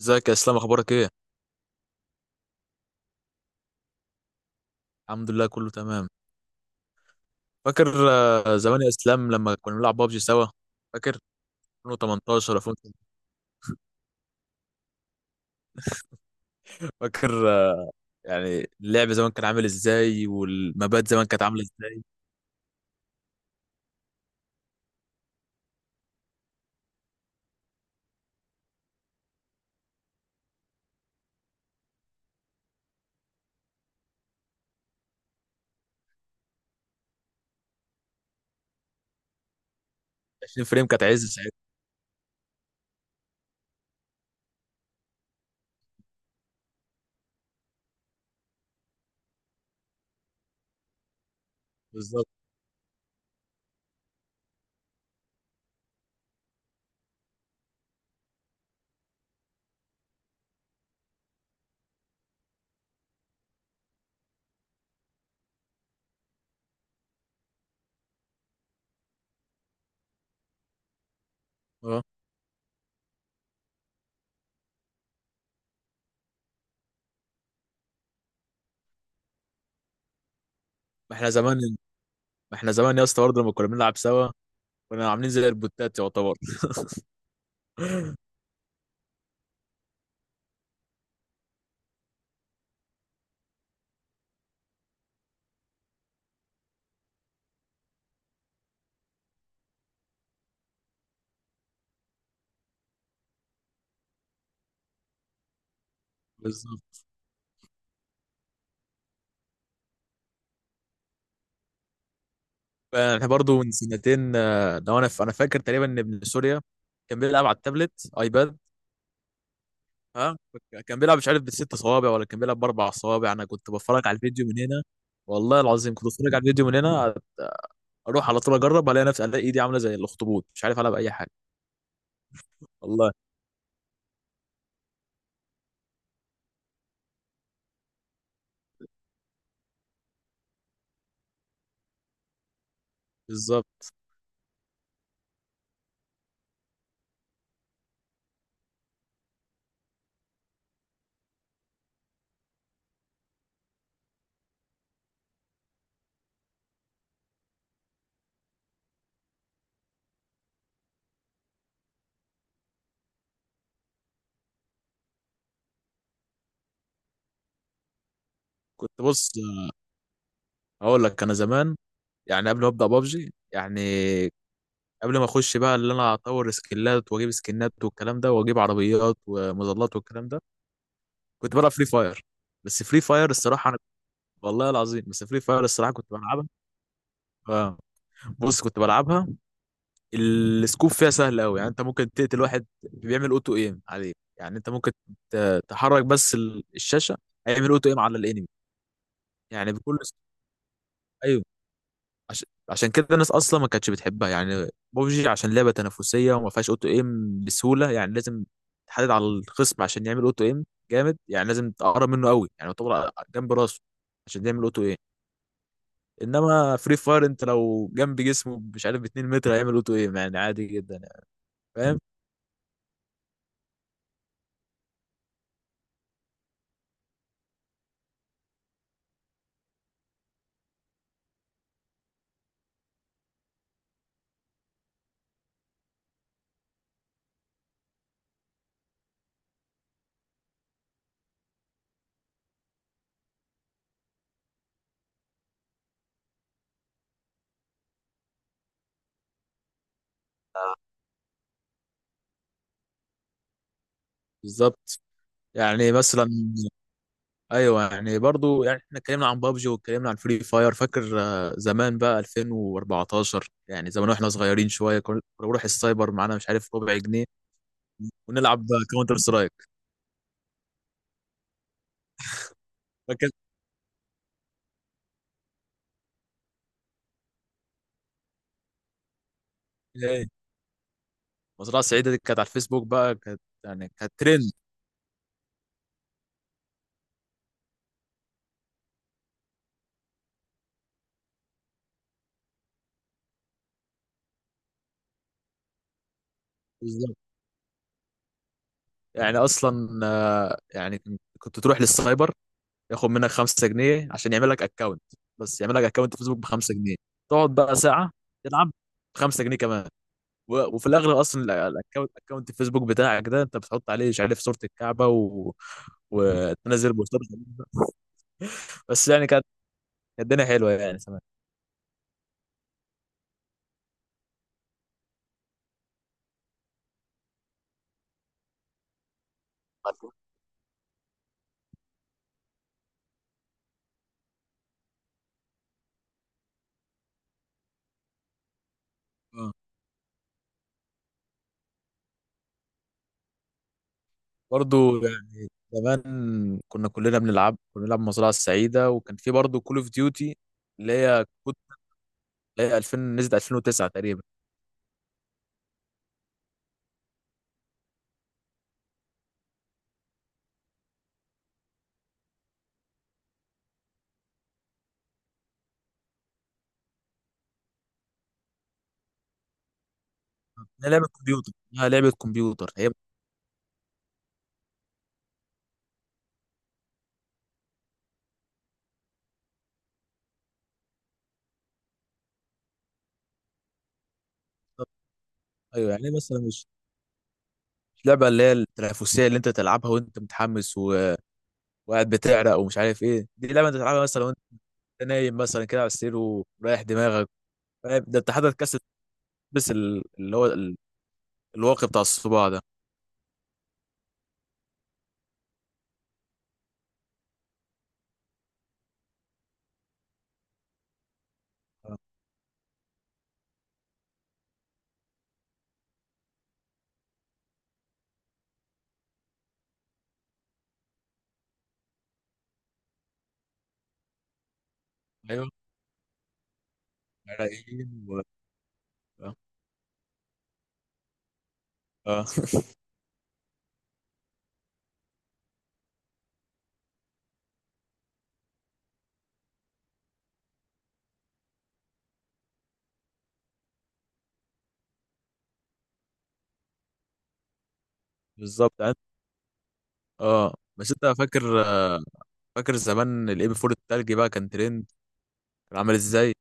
ازيك يا اسلام، اخبارك ايه؟ الحمد لله، كله تمام. فاكر زمان يا اسلام لما كنا بنلعب بابجي سوا؟ فاكر؟ 2018 ولا 2000؟ فاكر يعني اللعب زمان كان عامل ازاي والمبات زمان كانت عامله ازاي؟ 20 فريم كانت عز ساعتها. بالظبط. اه، ما احنا زمان ما احنا زمان يا اسطى برضه لما كنا بنلعب سوا، كنا عاملين زي البوتات يعتبر. بالظبط. احنا برضه من سنتين لو انا انا فاكر تقريبا ان ابن سوريا كان بيلعب على التابلت ايباد. ها؟ كان بيلعب مش عارف بالست صوابع ولا كان بيلعب باربع صوابع، انا كنت بتفرج على الفيديو من هنا. والله العظيم كنت بتفرج على الفيديو من هنا، اروح على طول اجرب، الاقي نفسي الاقي ايدي عامله زي الاخطبوط، مش عارف العب اي حاجه. والله. بالظبط. كنت بص، اقول لك انا زمان، يعني قبل ما ابدا بابجي، يعني قبل ما اخش بقى اللي انا اطور سكيلات واجيب سكنات والكلام ده واجيب عربيات ومظلات والكلام ده، كنت بلعب فري فاير. بس فري فاير الصراحه انا، والله العظيم، بس فري فاير الصراحه كنت بلعبها. آه. بص، كنت بلعبها، السكوب فيها سهل قوي، يعني انت ممكن تقتل واحد بيعمل اوتو ايم عليه، يعني انت ممكن تحرك بس الشاشه، هيعمل اوتو ايم على الانمي. يعني بكل ايوه، عشان كده الناس اصلا ما كانتش بتحبها. يعني بوبجي عشان لعبه تنافسيه وما فيهاش اوتو ايم بسهوله، يعني لازم تحدد على الخصم عشان يعمل اوتو ايم. جامد، يعني لازم تقرب منه قوي، يعني يعتبر جنب راسه عشان يعمل اوتو ايم. انما فري فاير انت لو جنب جسمه مش عارف ب 2 متر هيعمل اوتو ايم، يعني عادي جدا يعني. فاهم. بالظبط. يعني مثلا، ايوه، يعني برضو يعني احنا اتكلمنا عن بابجي واتكلمنا عن فري فاير. فاكر زمان بقى 2014؟ يعني زمان واحنا صغيرين شويه كنا بنروح السايبر معانا مش عارف ربع جنيه، ونلعب كاونتر سترايك. فاكر؟ ايه؟ مزرعه سعيده دي كانت على الفيسبوك بقى، كانت يعني كانت ترند. بالظبط. يعني اصلا يعني كنت تروح للسايبر، ياخد منك 5 جنيه عشان يعمل لك اكونت. بس يعمل لك اكونت فيسبوك ب 5 جنيه، تقعد بقى ساعه تلعب ب 5 جنيه كمان، وفي الاغلب اصلا اكونت الفيسبوك بتاعك ده انت بتحط عليه مش عارف صوره الكعبه وتنزل بوستات غريبة. بس يعني كانت الدنيا حلوه يعني زمان. آه. برضو يعني زمان كنا كلنا بنلعب كنا بنلعب مزرعه السعيده، وكان في برضو كول اوف ديوتي اللي هي كود، اللي هي 2000 نزلت 2009 تقريبا. هي لعبه كمبيوتر هي لعبه كمبيوتر هي. بالظبط. ايوه يعني مثلا، مش لعبه اللي هي التنافسيه اللي انت تلعبها وانت متحمس وقاعد بتعرق ومش عارف ايه، دي لعبه انت تلعبها مثلا. انت نايم مثلا كده على السرير ورايح دماغك. فاهم؟ ده انت حضرتك كاس، تلبس الواقي بتاع الصباع ده. آه. ايوه، عرقين اه، آه. بالظبط اه، بس انت فاكر فاكر زمان الاي بي 4 التلجي بقى كان ترند؟ كان عامل ازاي؟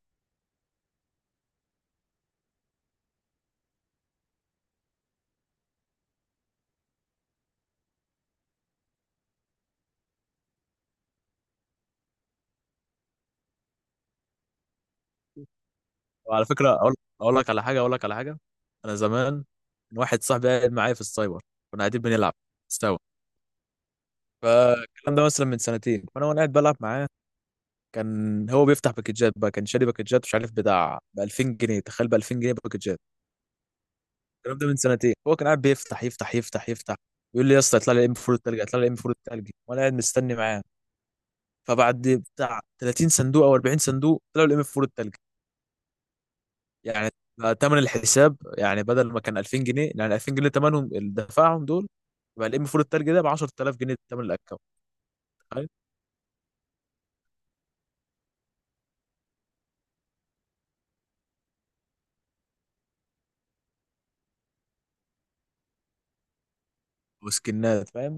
وعلى فكره، اقول لك على حاجه، اقول لك على حاجه. انا زمان كان واحد صاحبي قاعد معايا في السايبر، كنا قاعدين بنلعب سوا، فالكلام ده مثلا من سنتين، فانا وانا قاعد بلعب معاه كان هو بيفتح باكجات بقى، كان شاري باكجات مش عارف بتاع ب 2000 جنيه. تخيل، ب 2000 جنيه باكجات. الكلام ده من سنتين. هو كان قاعد بيفتح يفتح يفتح يفتح، يقول لي يا اسطى يطلع لي ام فور التلج، يطلع لي ام فور التلج، وانا قاعد مستني معاه. فبعد بتاع 30 صندوق او 40 صندوق طلعوا الام فور التلج. يعني ثمن الحساب يعني بدل ما كان 2000 جنيه، يعني 2000 جنيه ثمنهم اللي دفعهم دول، يبقى الام فور التلج ده ب 10000 جنيه ثمن الاكونت. تخيل. وسكنات فاهم.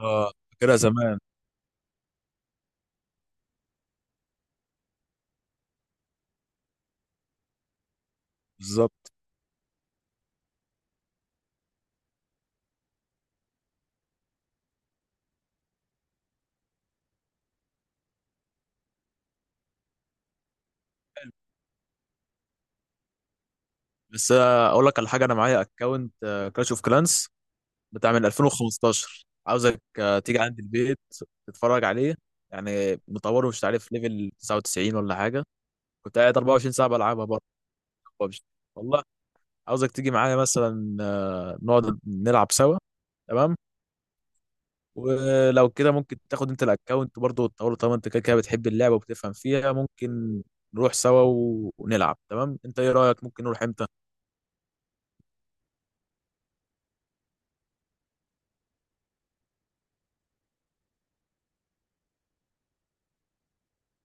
اه، فاكرها زمان. بالظبط. بس اقول لك على حاجه، انا معايا اكونت كلاش اوف كلانس بتاع من 2015، عاوزك تيجي عند البيت تتفرج عليه. يعني مطوره مش عارف ليفل 99 ولا حاجه، كنت قاعد 24 ساعه بلعبها برضه ببجي والله. عاوزك تيجي معايا مثلا نقعد نلعب سوا. تمام. ولو كده ممكن تاخد انت الاكونت برضه وتطوره، طالما انت كده كده بتحب اللعبه وبتفهم فيها ممكن نروح سوا ونلعب. تمام. انت ايه رايك، ممكن نروح امتى؟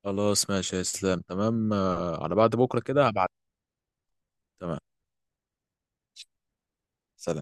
خلاص ماشي يا اسلام، تمام على بعد بكره كده هبعت. تمام. سلام.